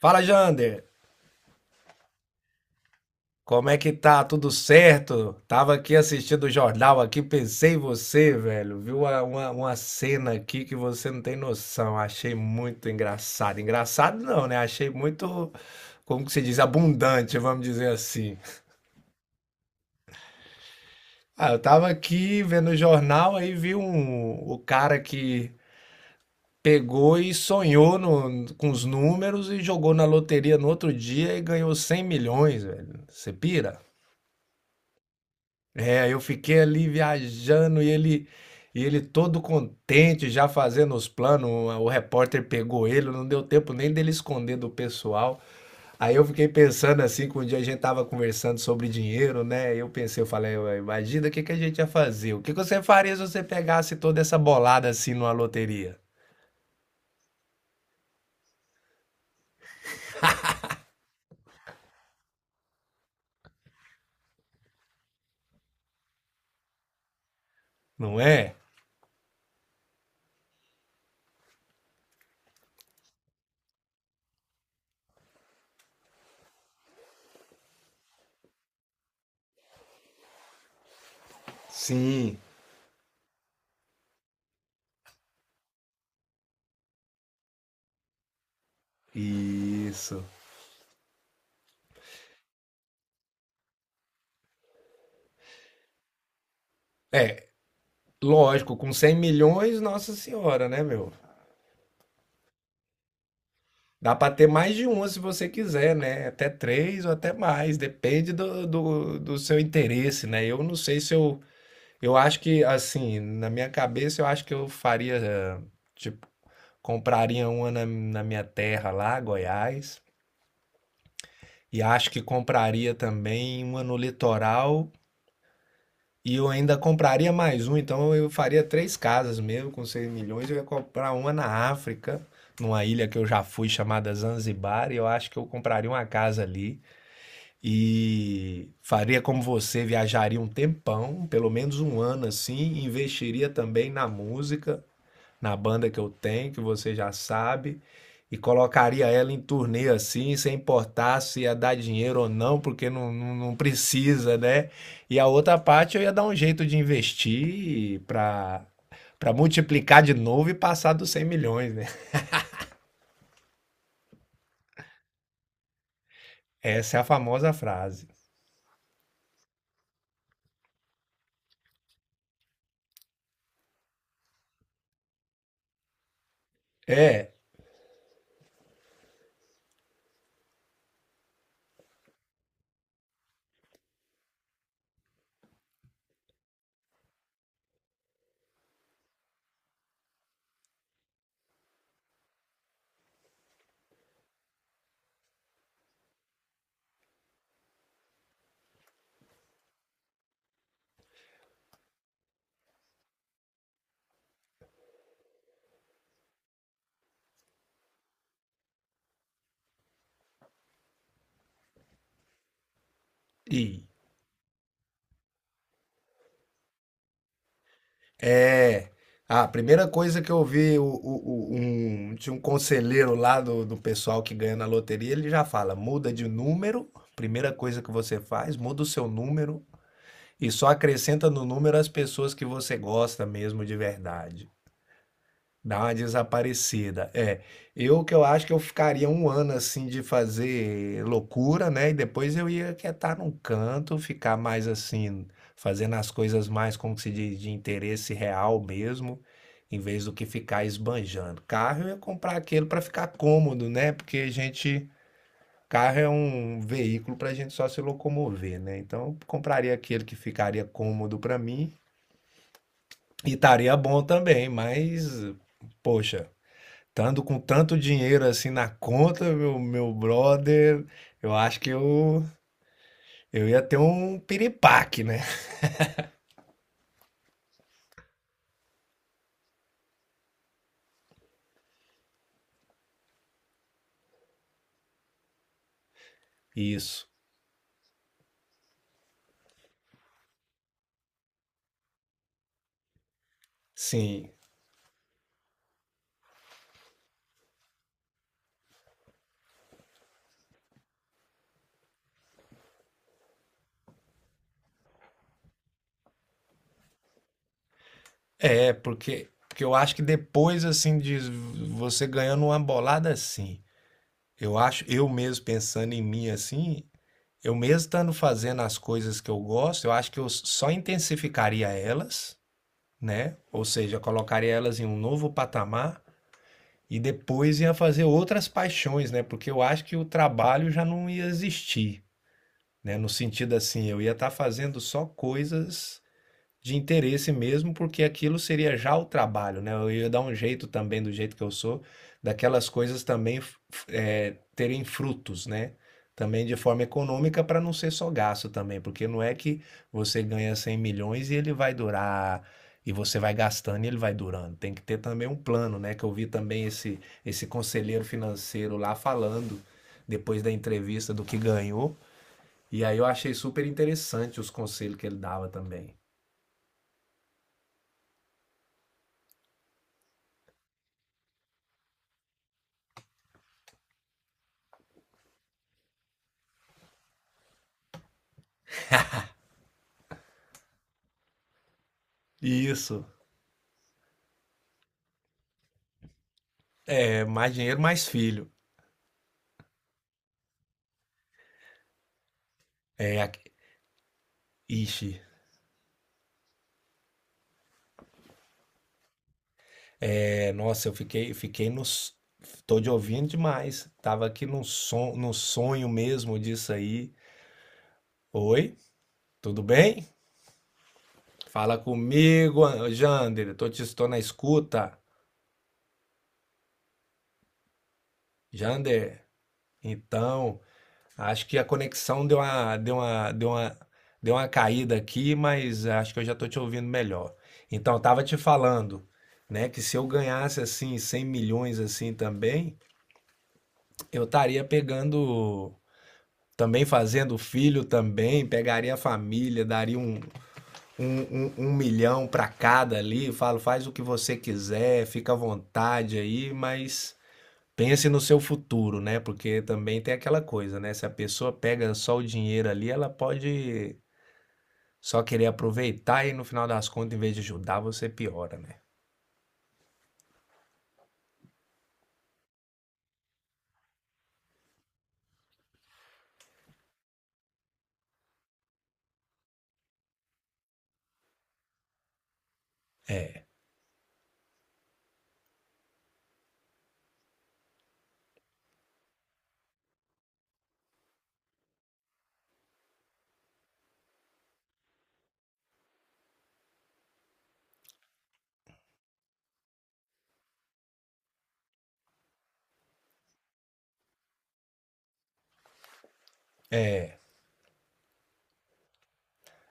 Fala, Jander. Como é que tá? Tudo certo? Tava aqui assistindo o jornal aqui, pensei em você, velho. Viu uma cena aqui que você não tem noção. Achei muito engraçado. Engraçado não, né? Achei muito, como que se diz, abundante, vamos dizer assim. Ah, eu tava aqui vendo o jornal, aí vi o cara que pegou e sonhou com os números e jogou na loteria no outro dia e ganhou 100 milhões, velho. Você pira? É, eu fiquei ali viajando e ele todo contente, já fazendo os planos. O repórter pegou ele, não deu tempo nem dele esconder do pessoal. Aí eu fiquei pensando assim, que um dia a gente tava conversando sobre dinheiro, né? Eu pensei, eu falei, "Ué, imagina o que que a gente ia fazer? O que que você faria se você pegasse toda essa bolada assim numa loteria? Não é? Sim. Isso. Lógico, com 100 milhões, nossa senhora, né, meu? Dá para ter mais de uma se você quiser, né? Até três ou até mais, depende do seu interesse, né? Eu não sei se eu. Eu acho que, assim, na minha cabeça, eu acho que eu faria. Tipo, compraria uma na minha terra lá, Goiás. E acho que compraria também uma no litoral. E eu ainda compraria mais um, então eu faria três casas mesmo, com 6 milhões. Eu ia comprar uma na África, numa ilha que eu já fui chamada Zanzibar. E eu acho que eu compraria uma casa ali. E faria como você, viajaria um tempão, pelo menos um ano assim, investiria também na música, na banda que eu tenho, que você já sabe, e colocaria ela em turnê assim, sem importar se ia dar dinheiro ou não, porque não, não, não precisa, né? E a outra parte eu ia dar um jeito de investir para para multiplicar de novo e passar dos 100 milhões, né? Essa é a famosa frase. É, e É. Ah, a primeira coisa que eu vi, tinha um conselheiro lá do pessoal que ganha na loteria, ele já fala: muda de número, primeira coisa que você faz, muda o seu número e só acrescenta no número as pessoas que você gosta mesmo de verdade. Dá uma desaparecida. É, eu que eu acho que eu ficaria um ano assim de fazer loucura, né? E depois eu ia quietar num canto, ficar mais assim, fazendo as coisas mais, como que se diz, de interesse real mesmo, em vez do que ficar esbanjando. Carro eu ia comprar aquele para ficar cômodo, né? Porque a gente, carro é um veículo para a gente só se locomover, né? Então eu compraria aquele que ficaria cômodo para mim e estaria bom também, mas, poxa. Estando com tanto dinheiro assim na conta, meu brother, eu acho que eu ia ter um piripaque, né? Isso. Sim. É, porque eu acho que depois assim de você ganhando uma bolada assim, eu acho, eu mesmo pensando em mim assim, eu mesmo estando fazendo as coisas que eu gosto, eu acho que eu só intensificaria elas, né? Ou seja, colocaria elas em um novo patamar e depois ia fazer outras paixões, né? Porque eu acho que o trabalho já não ia existir, né? No sentido assim, eu ia estar fazendo só coisas de interesse mesmo, porque aquilo seria já o trabalho, né? Eu ia dar um jeito também, do jeito que eu sou, daquelas coisas também é, terem frutos, né? Também de forma econômica, para não ser só gasto também, porque não é que você ganha 100 milhões e ele vai durar, e você vai gastando e ele vai durando. Tem que ter também um plano, né? Que eu vi também esse conselheiro financeiro lá falando, depois da entrevista, do que ganhou. E aí eu achei super interessante os conselhos que ele dava também. Isso. É mais dinheiro, mais filho. É, a- ixi. É, nossa, fiquei nos. Tô te ouvindo demais. Tava aqui num sonho mesmo disso aí. Oi, tudo bem? Fala comigo, Jander. Tô te estou na escuta. Jander, então, acho que a conexão deu uma caída aqui, mas acho que eu já tô te ouvindo melhor. Então, eu tava te falando, né, que se eu ganhasse assim 100 milhões assim também, eu estaria pegando. Também fazendo filho também, pegaria a família, daria um milhão para cada ali. Falo, faz o que você quiser, fica à vontade aí, mas pense no seu futuro, né? Porque também tem aquela coisa, né? Se a pessoa pega só o dinheiro ali, ela pode só querer aproveitar e no final das contas, em vez de ajudar, você piora, né? É.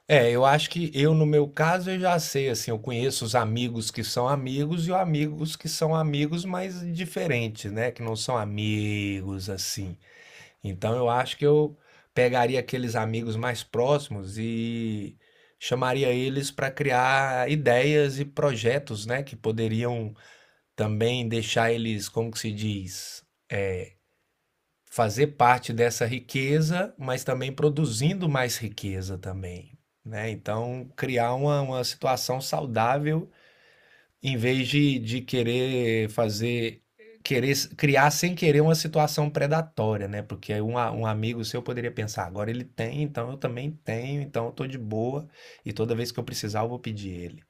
É, eu acho que eu, no meu caso, eu já sei, assim, eu conheço os amigos que são amigos e os amigos que são amigos, mas diferentes, né? Que não são amigos, assim. Então eu acho que eu pegaria aqueles amigos mais próximos e chamaria eles para criar ideias e projetos, né? Que poderiam também deixar eles, como que se diz? Fazer parte dessa riqueza, mas também produzindo mais riqueza também, né? Então, criar uma situação saudável em vez de querer fazer querer criar sem querer uma situação predatória, né? Porque aí um, um amigo seu poderia pensar, agora ele tem, então eu também tenho, então eu tô de boa e toda vez que eu precisar eu vou pedir ele.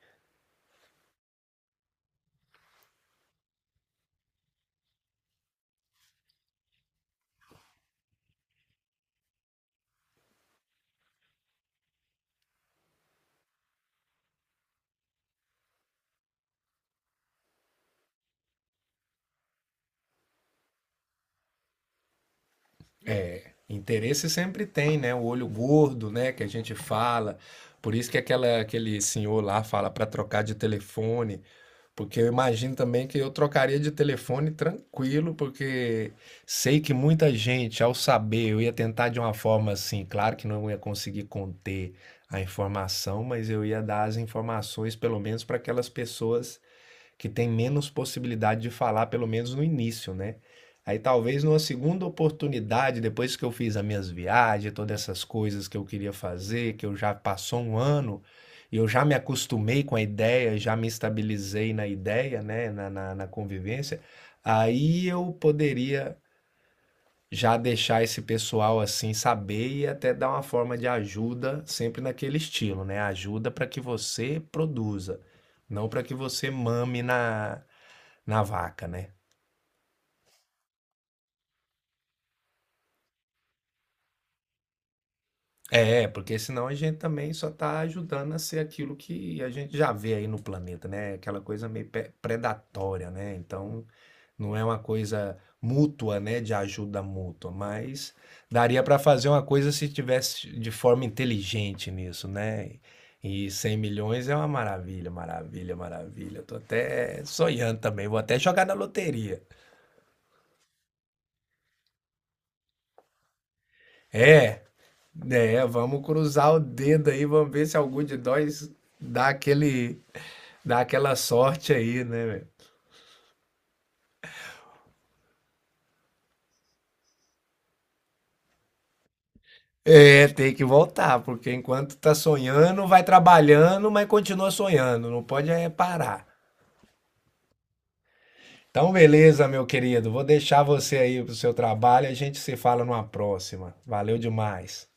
Interesse sempre tem, né? O olho gordo, né? Que a gente fala. Por isso que aquele senhor lá fala para trocar de telefone. Porque eu imagino também que eu trocaria de telefone tranquilo, porque sei que muita gente, ao saber, eu ia tentar de uma forma assim, claro que não ia conseguir conter a informação, mas eu ia dar as informações, pelo menos, para aquelas pessoas que tem menos possibilidade de falar, pelo menos no início, né? Aí talvez numa segunda oportunidade, depois que eu fiz as minhas viagens, todas essas coisas que eu queria fazer, que eu já passou um ano e eu já me acostumei com a ideia, já me estabilizei na ideia, né, na convivência, aí eu poderia já deixar esse pessoal assim saber e até dar uma forma de ajuda sempre naquele estilo, né? Ajuda para que você produza, não para que você mame na vaca, né? É, porque senão a gente também só está ajudando a ser aquilo que a gente já vê aí no planeta, né? Aquela coisa meio predatória, né? Então não é uma coisa mútua, né? De ajuda mútua, mas daria para fazer uma coisa se tivesse de forma inteligente nisso, né? E 100 milhões é uma maravilha, maravilha, maravilha. Tô até sonhando também, vou até jogar na loteria. É. É, vamos cruzar o dedo aí, vamos ver se algum de nós dá dá aquela sorte aí, né, velho? É, tem que voltar, porque enquanto tá sonhando, vai trabalhando, mas continua sonhando, não pode é parar. Então, beleza, meu querido, vou deixar você aí pro seu trabalho, a gente se fala numa próxima. Valeu demais.